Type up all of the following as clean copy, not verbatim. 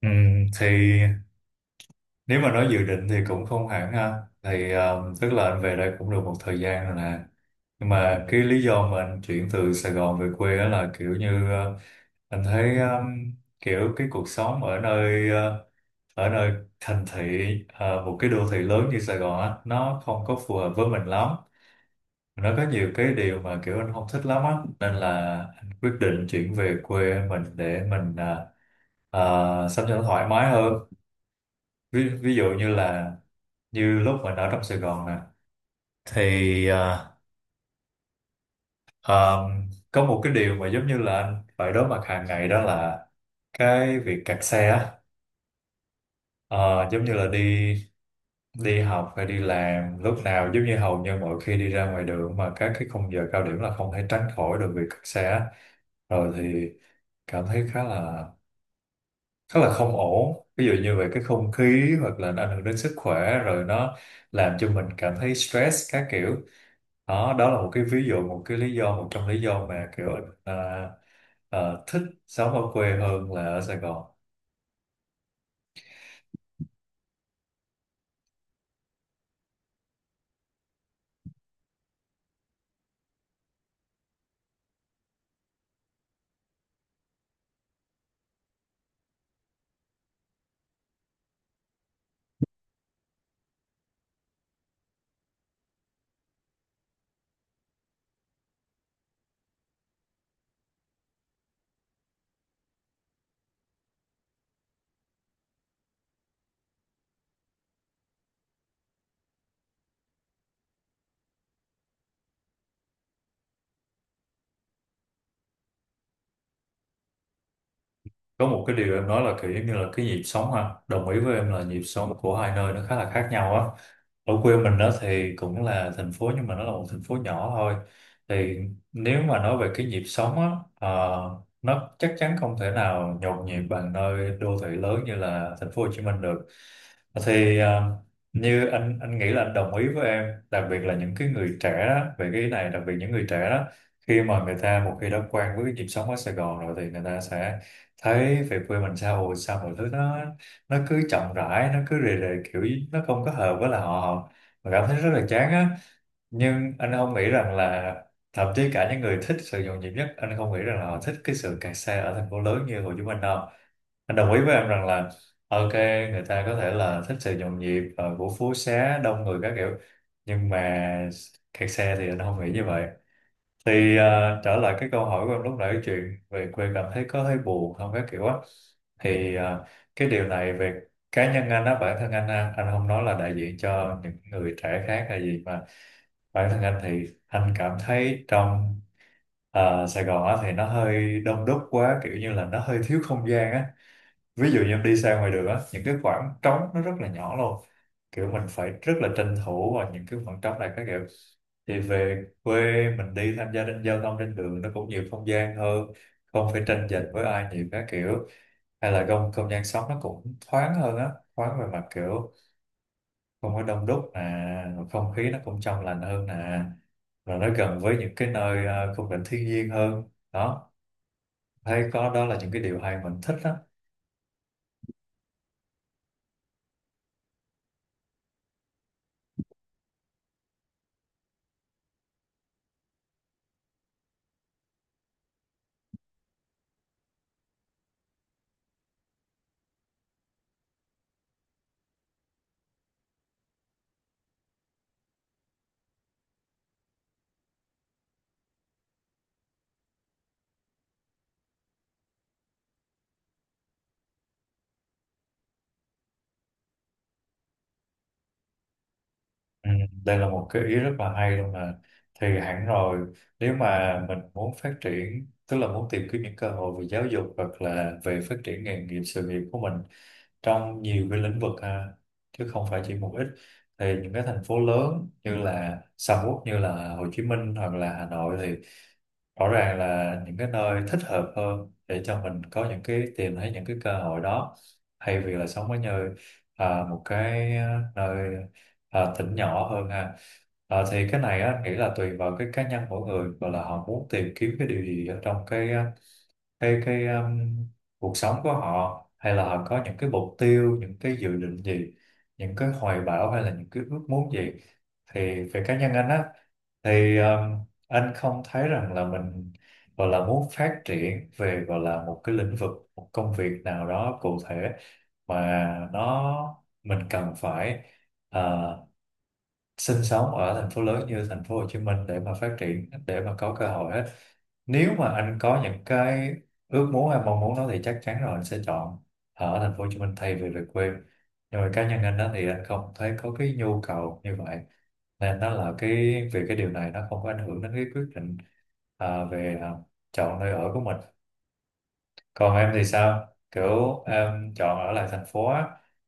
Ừ, thì nếu mà nói dự định thì cũng không hẳn ha, thì tức là anh về đây cũng được một thời gian rồi nè, nhưng mà cái lý do mà anh chuyển từ Sài Gòn về quê á là kiểu như anh thấy kiểu cái cuộc sống ở nơi ở nơi thành thị, một cái đô thị lớn như Sài Gòn á nó không có phù hợp với mình lắm. Nó có nhiều cái điều mà kiểu anh không thích lắm á, nên là anh quyết định chuyển về quê mình để mình à, sống cho nó thoải mái hơn. Ví dụ như là như lúc mình ở trong Sài Gòn nè thì có một cái điều mà giống như là anh phải đối mặt hàng ngày đó là cái việc kẹt xe á. Ờ, giống như là đi đi học hay đi làm, lúc nào giống như hầu như mỗi khi đi ra ngoài đường mà các cái khung giờ cao điểm là không thể tránh khỏi được việc kẹt xe á. Rồi thì cảm thấy khá là rất là không ổn, ví dụ như về cái không khí hoặc là nó ảnh hưởng đến sức khỏe, rồi nó làm cho mình cảm thấy stress các kiểu. Đó đó là một cái ví dụ, một cái lý do, một trong lý do mà kiểu à, à, thích sống ở quê hơn là ở Sài Gòn. Có một cái điều em nói là kiểu giống như là cái nhịp sống ha, đồng ý với em là nhịp sống của hai nơi nó khá là khác nhau á. Ở quê mình đó thì cũng là thành phố nhưng mà nó là một thành phố nhỏ thôi, thì nếu mà nói về cái nhịp sống á, nó chắc chắn không thể nào nhộn nhịp bằng nơi đô thị lớn như là thành phố Hồ Chí Minh được. Thì như anh nghĩ là anh đồng ý với em, đặc biệt là những cái người trẻ đó, về cái ý này, đặc biệt những người trẻ đó khi mà người ta một khi đã quen với cái nhịp sống ở Sài Gòn rồi thì người ta sẽ thấy về quê mình, sao ồ, sao mọi thứ nó cứ chậm rãi, nó cứ rề rề, kiểu nó không có hợp với là họ mà cảm thấy rất là chán á. Nhưng anh không nghĩ rằng là thậm chí cả những người thích sự nhộn nhịp nhất, anh không nghĩ rằng là họ thích cái sự kẹt xe ở thành phố lớn như Hồ Chí Minh đâu. Anh đồng ý với em rằng là ok, người ta có thể là thích sự nhộn nhịp của phố xá đông người các kiểu, nhưng mà kẹt xe thì anh không nghĩ như vậy. Thì trở lại cái câu hỏi của em lúc nãy, chuyện về quê cảm thấy có hơi buồn không các kiểu á, thì cái điều này về cá nhân anh á, bản thân anh á, anh không nói là đại diện cho những người trẻ khác hay gì, mà bản thân anh thì anh cảm thấy trong Sài Gòn á thì nó hơi đông đúc quá, kiểu như là nó hơi thiếu không gian á. Ví dụ như đi ra ngoài đường á, những cái khoảng trống nó rất là nhỏ luôn, kiểu mình phải rất là tranh thủ vào những cái khoảng trống này các kiểu. Thì về quê mình đi tham gia trên giao thông, trên đường nó cũng nhiều không gian hơn, không phải tranh giành với ai nhiều các kiểu, hay là không không gian sống nó cũng thoáng hơn á, thoáng về mặt kiểu không có đông đúc nè, rồi không khí nó cũng trong lành hơn nè, rồi nó gần với những cái nơi khung cảnh thiên nhiên hơn đó, thấy có đó là những cái điều hay mình thích đó. Ừ, đây là một cái ý rất là hay luôn mà. Thì hẳn rồi, nếu mà mình muốn phát triển tức là muốn tìm kiếm những cơ hội về giáo dục hoặc là về phát triển nghề nghiệp, sự nghiệp của mình trong nhiều cái lĩnh vực ha, chứ không phải chỉ một ít, thì những cái thành phố lớn như là sầm uất như là Hồ Chí Minh hoặc là Hà Nội thì rõ ràng là những cái nơi thích hợp hơn để cho mình có những cái, tìm thấy những cái cơ hội đó, hay việc là sống ở như một cái nơi, tỉnh nhỏ hơn ha. À, thì cái này á, anh nghĩ là tùy vào cái cá nhân mỗi người và là họ muốn tìm kiếm cái điều gì ở trong cái cái cái um, cuộc sống của họ, hay là họ có những cái mục tiêu, những cái dự định gì, những cái hoài bão hay là những cái ước muốn gì. Thì về cá nhân anh á thì anh không thấy rằng là mình gọi là muốn phát triển về, gọi là một cái lĩnh vực, một công việc nào đó cụ thể mà nó mình cần phải ờ, sinh sống ở thành phố lớn như thành phố Hồ Chí Minh để mà phát triển, để mà có cơ hội hết. Nếu mà anh có những cái ước muốn hay mong muốn đó thì chắc chắn rồi, anh sẽ chọn ở thành phố Hồ Chí Minh thay vì về quê, nhưng mà cá nhân anh đó thì anh không thấy có cái nhu cầu như vậy, nên nó là cái, về cái điều này nó không có ảnh hưởng đến cái quyết định về chọn nơi ở của mình. Còn em thì sao? Kiểu em chọn ở lại thành phố á,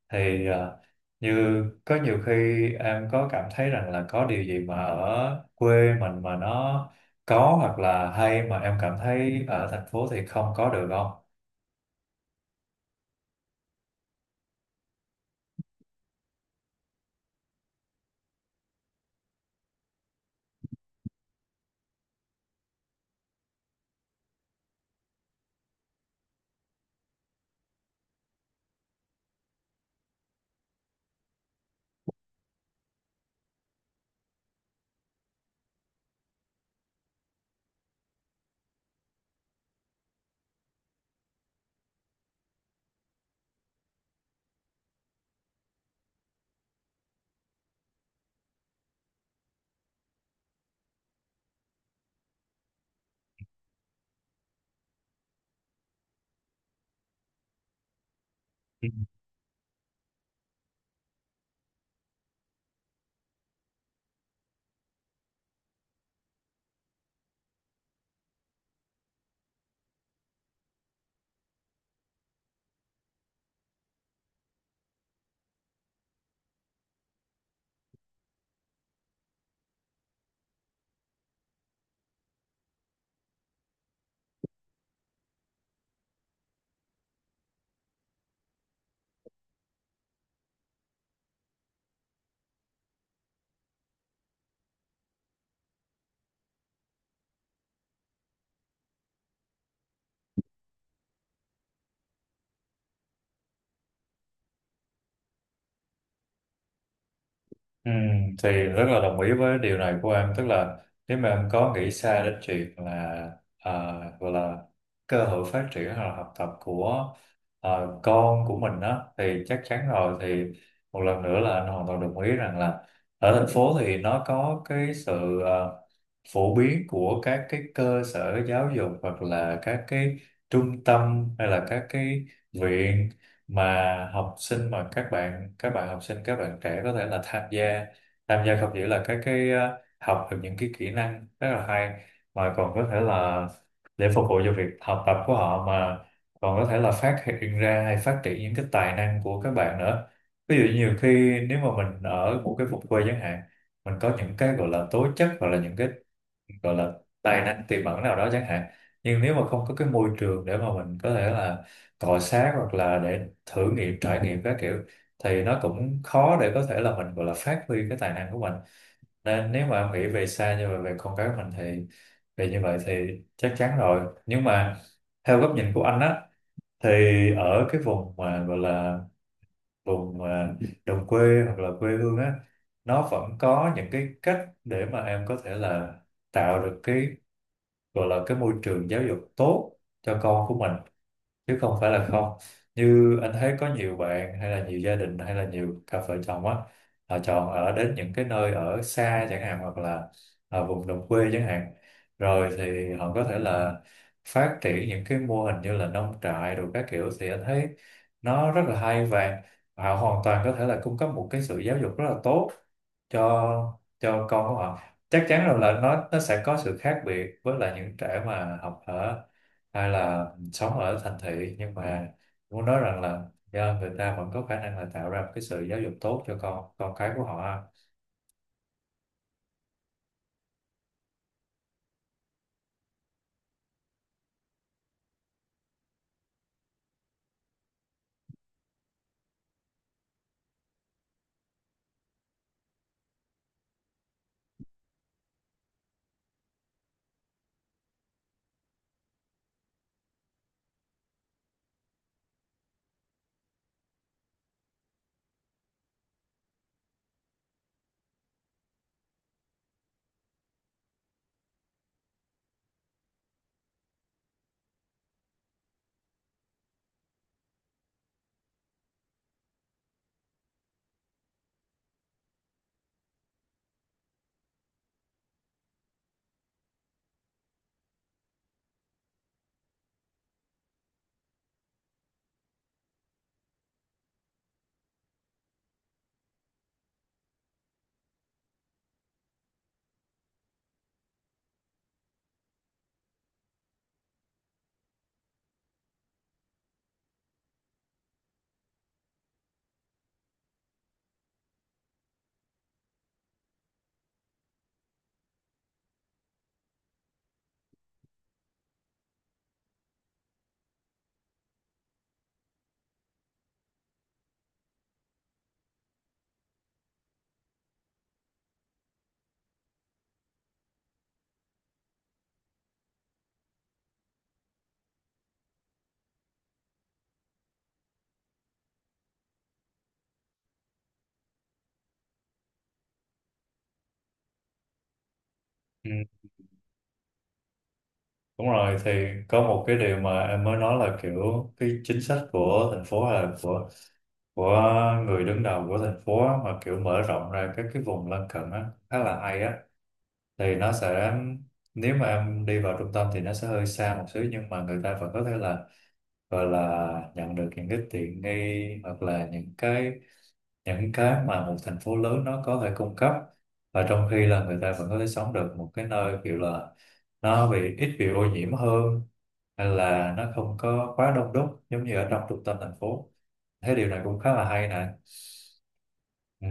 thì như có nhiều khi em có cảm thấy rằng là có điều gì mà ở quê mình mà nó có hoặc là hay mà em cảm thấy ở thành phố thì không có được không? Ừ, thì rất là đồng ý với điều này của em, tức là nếu mà em có nghĩ xa đến chuyện là gọi là cơ hội phát triển hoặc là học tập của con của mình đó thì chắc chắn rồi, thì một lần nữa là anh hoàn toàn đồng ý rằng là ở thành phố thì nó có cái sự phổ biến của các cái cơ sở giáo dục hoặc là các cái trung tâm hay là các cái viện mà học sinh, mà các bạn học sinh, các bạn trẻ có thể là tham gia, không chỉ là các cái, học được những cái kỹ năng rất là hay mà còn có thể là để phục vụ cho việc học tập của họ, mà còn có thể là phát hiện ra hay phát triển những cái tài năng của các bạn nữa. Ví dụ nhiều khi nếu mà mình ở một cái vùng quê chẳng hạn, mình có những cái gọi là tố chất hoặc là những cái gọi là tài năng tiềm ẩn nào đó chẳng hạn, nhưng nếu mà không có cái môi trường để mà mình có thể là cọ xát hoặc là để thử nghiệm, trải nghiệm các kiểu, thì nó cũng khó để có thể là mình gọi là phát huy cái tài năng của mình. Nên nếu mà em nghĩ về xa như vậy về con cái mình thì về như vậy thì chắc chắn rồi, nhưng mà theo góc nhìn của anh á thì ở cái vùng mà gọi là vùng mà đồng quê hoặc là quê hương á, nó vẫn có những cái cách để mà em có thể là tạo được cái, gọi là cái môi trường giáo dục tốt cho con của mình, chứ không phải là không. Như anh thấy có nhiều bạn hay là nhiều gia đình hay là nhiều cặp vợ chồng á, họ chọn ở đến những cái nơi ở xa chẳng hạn hoặc là ở vùng đồng quê chẳng hạn, rồi thì họ có thể là phát triển những cái mô hình như là nông trại rồi các kiểu, thì anh thấy nó rất là hay, và họ hoàn toàn có thể là cung cấp một cái sự giáo dục rất là tốt cho con của họ. Chắc chắn rồi là nó sẽ có sự khác biệt với lại những trẻ mà học ở, hay là sống ở thành thị, nhưng mà muốn nói rằng là do người ta vẫn có khả năng là tạo ra một cái sự giáo dục tốt cho con cái của họ ha. Ừ, đúng rồi, thì có một cái điều mà em mới nói là kiểu cái chính sách của thành phố hay là của người đứng đầu của thành phố á, mà kiểu mở rộng ra các cái vùng lân cận á khá là hay á, thì nó sẽ, nếu mà em đi vào trung tâm thì nó sẽ hơi xa một xíu nhưng mà người ta vẫn có thể là, gọi là nhận được những cái tiện nghi hoặc là những cái mà một thành phố lớn nó có thể cung cấp, và trong khi là người ta vẫn có thể sống được một cái nơi kiểu là nó bị ít bị ô nhiễm hơn hay là nó không có quá đông đúc giống như ở trong trung tâm thành phố. Thế điều này cũng khá là hay nè. Ừ.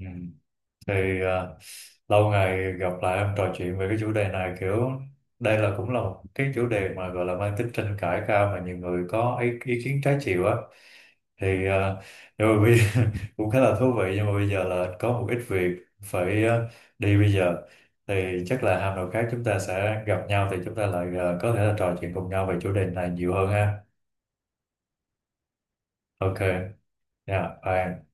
Ừ. thì à, lâu ngày gặp lại em, trò chuyện về cái chủ đề này kiểu đây là cũng là một cái chủ đề mà gọi là mang tính tranh cãi cao, mà nhiều người có ý kiến trái chiều á, thì à, nhưng mà cũng khá là thú vị, nhưng mà bây giờ là có một ít việc phải đi bây giờ, thì chắc là hôm nào khác chúng ta sẽ gặp nhau thì chúng ta lại có thể là trò chuyện cùng nhau về chủ đề này nhiều hơn ha. Ok, yeah, bye em.